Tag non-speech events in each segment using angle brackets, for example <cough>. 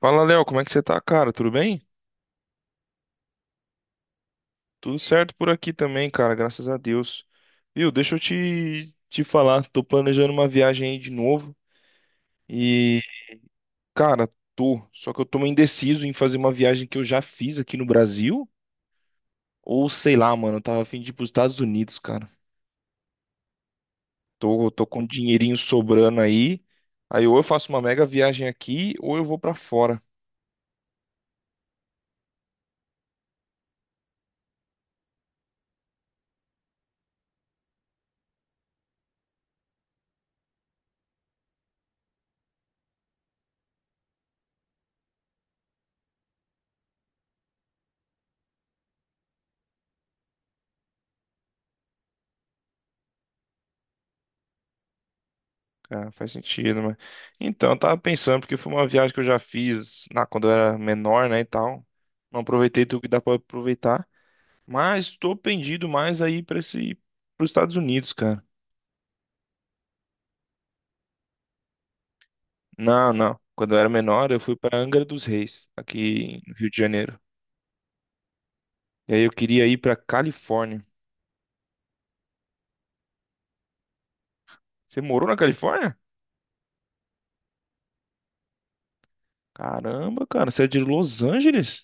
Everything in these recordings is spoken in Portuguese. Fala, Léo, como é que você tá, cara? Tudo bem? Tudo certo por aqui também, cara, graças a Deus. Viu, deixa eu te falar, tô planejando uma viagem aí de novo e, cara, tô, só que eu tô meio indeciso em fazer uma viagem que eu já fiz aqui no Brasil, ou sei lá, mano, eu tava a fim de ir pros Estados Unidos, cara. Tô com um dinheirinho sobrando aí, aí ou eu faço uma mega viagem aqui ou eu vou pra fora. Ah, faz sentido, mas... Então, eu tava pensando, porque foi uma viagem que eu já fiz na, quando eu era menor, né, e tal. Não aproveitei tudo que dá pra aproveitar. Mas tô pendido mais aí pra esse... pros Estados Unidos, cara. Não, não. Quando eu era menor, eu fui pra Angra dos Reis, aqui no Rio de Janeiro. E aí eu queria ir pra Califórnia. Você morou na Califórnia? Caramba, cara, você é de Los Angeles?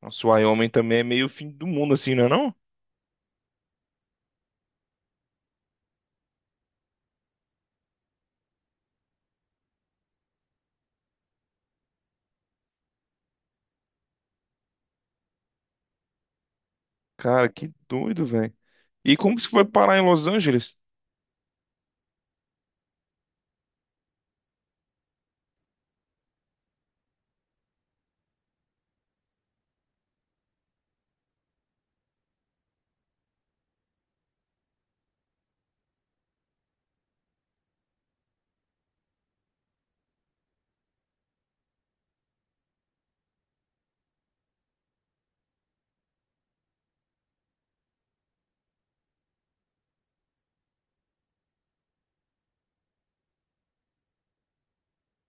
Nossa, o Wyoming também é meio fim do mundo, assim, não é não? Cara, que doido, velho. E como que você foi parar em Los Angeles?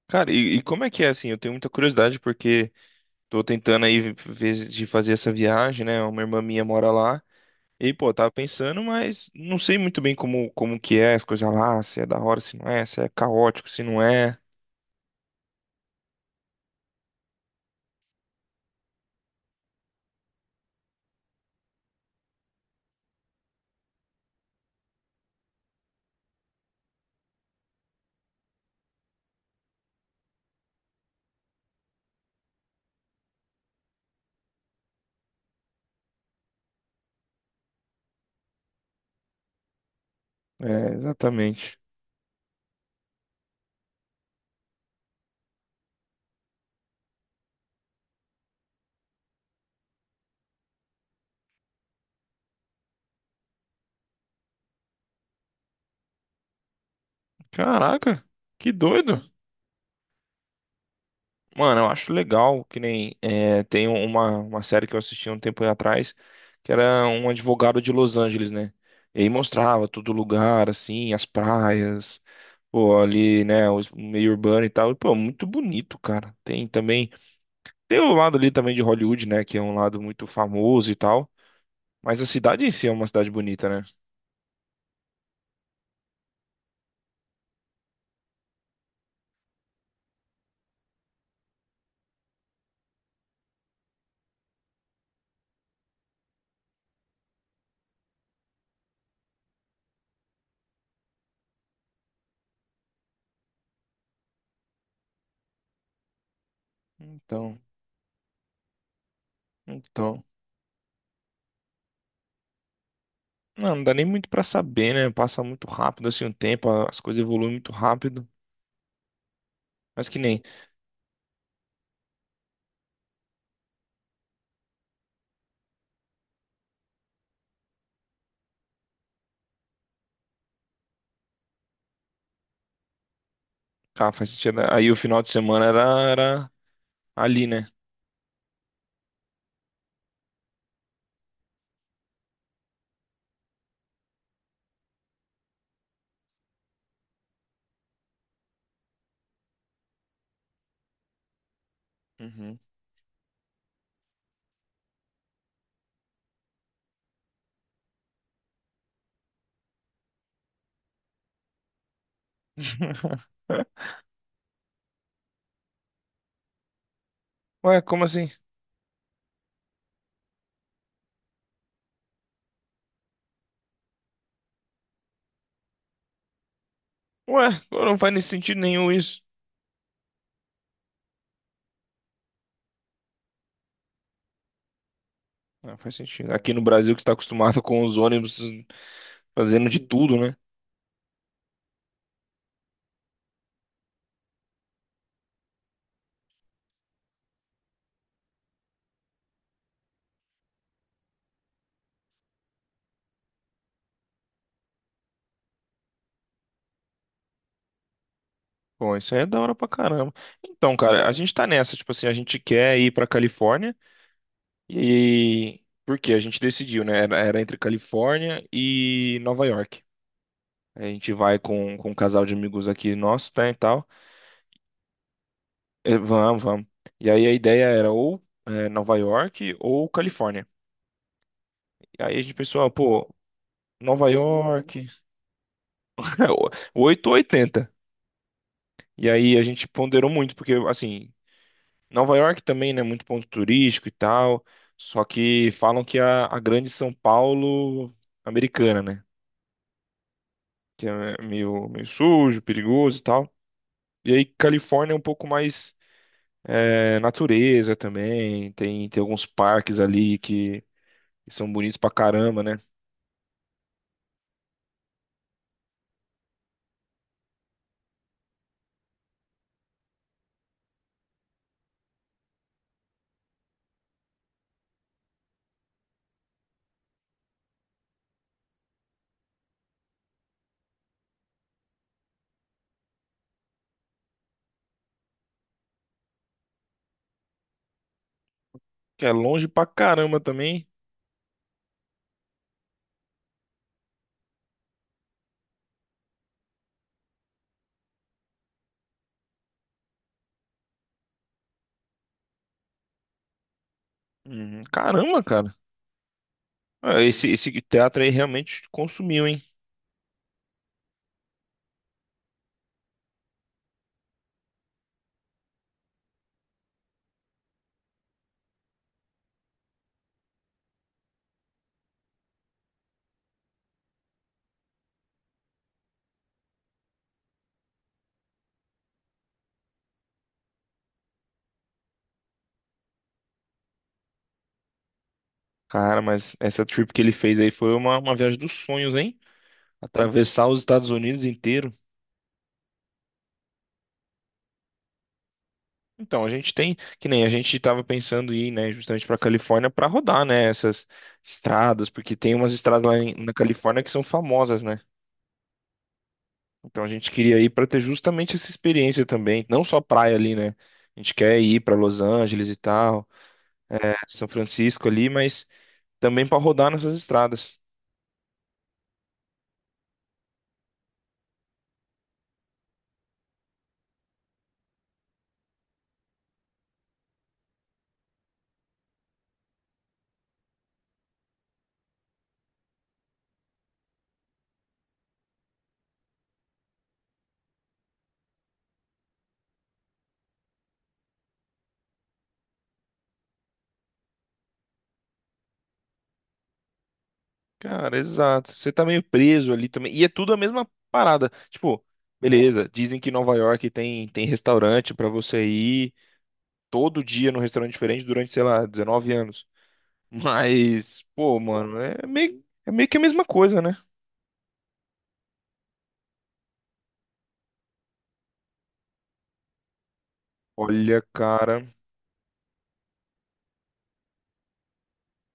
Cara, e como é que é assim? Eu tenho muita curiosidade porque tô tentando aí ver de fazer essa viagem, né? Uma irmã minha mora lá. E, pô, eu tava pensando, mas não sei muito bem como, como que é as coisas lá, se é da hora, se não é, se é caótico, se não é. É, exatamente. Caraca, que doido! Mano, eu acho legal que nem é, tem uma série que eu assisti um tempo atrás, que era um advogado de Los Angeles, né? E aí mostrava todo lugar, assim, as praias, pô, ali, né, o meio urbano e tal. E, pô, muito bonito, cara. Tem também, tem o lado ali também de Hollywood, né, que é um lado muito famoso e tal. Mas a cidade em si é uma cidade bonita, né? Então, então. Não, não dá nem muito pra saber, né? Passa muito rápido, assim, o tempo, as coisas evoluem muito rápido. Mas que nem. Ah, faz sentido, né? Aí o final de semana era, era ali, né? Uhum. <laughs> Ué, como assim? Ué, não faz nem sentido nenhum isso. Ah, faz sentido. Aqui no Brasil que está acostumado com os ônibus fazendo de tudo, né? Pô, isso aí é da hora pra caramba. Então, cara, a gente tá nessa, tipo assim, a gente quer ir pra Califórnia e por quê? A gente decidiu, né? Era entre Califórnia e Nova York. A gente vai com um casal de amigos aqui nosso, tá, e tal. É, vamos, vamos. E aí a ideia era ou é, Nova York ou Califórnia. E aí a gente pensou, ah, pô, Nova York, <laughs> 8 ou 80. E aí a gente ponderou muito, porque assim, Nova York também, né, muito ponto turístico e tal. Só que falam que a grande São Paulo americana, né? Que é meio, meio sujo, perigoso e tal. E aí Califórnia é um pouco mais é, natureza também. Tem, tem alguns parques ali que são bonitos pra caramba, né? Que é longe pra caramba também. Uhum. Caramba, cara. Ah, esse teatro aí realmente consumiu, hein? Cara, mas essa trip que ele fez aí foi uma viagem dos sonhos, hein? Atravessar os Estados Unidos inteiro. Então, a gente tem, que nem a gente estava pensando em ir, né, justamente para Califórnia para rodar, né, essas estradas, porque tem umas estradas lá em- na Califórnia que são famosas, né? Então a gente queria ir para ter justamente essa experiência também, não só praia ali, né? A gente quer ir para Los Angeles e tal, é, São Francisco ali, mas também para rodar nessas estradas. Cara, exato. Você tá meio preso ali também. E é tudo a mesma parada. Tipo, beleza, dizem que Nova York tem, tem restaurante para você ir todo dia num restaurante diferente durante, sei lá, 19 anos. <laughs> Mas, pô, mano, é meio que a mesma coisa, né? Olha, cara,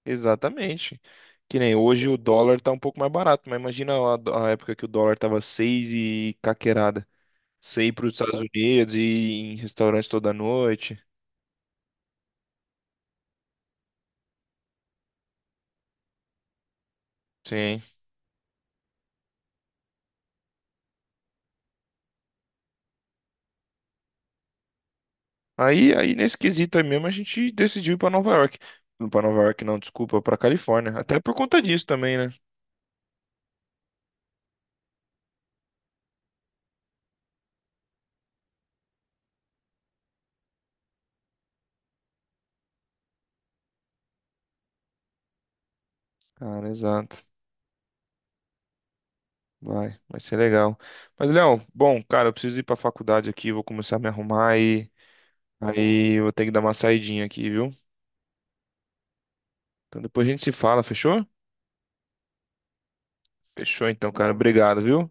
exatamente. Que nem hoje o dólar tá um pouco mais barato, mas imagina a época que o dólar tava 6 e caquerada. Você ir para os Estados Unidos e ir em restaurantes toda noite. Sim, aí, aí nesse quesito aí mesmo, a gente decidiu ir pra Nova York. Não pra Nova York, não, desculpa, pra Califórnia. Até por conta disso também, né? Cara, exato. Vai, vai ser legal. Mas, Léo, bom, cara, eu preciso ir pra faculdade aqui, vou começar a me arrumar e aí eu vou ter que dar uma saidinha aqui, viu? Então depois a gente se fala, fechou? Fechou então, cara. Obrigado, viu?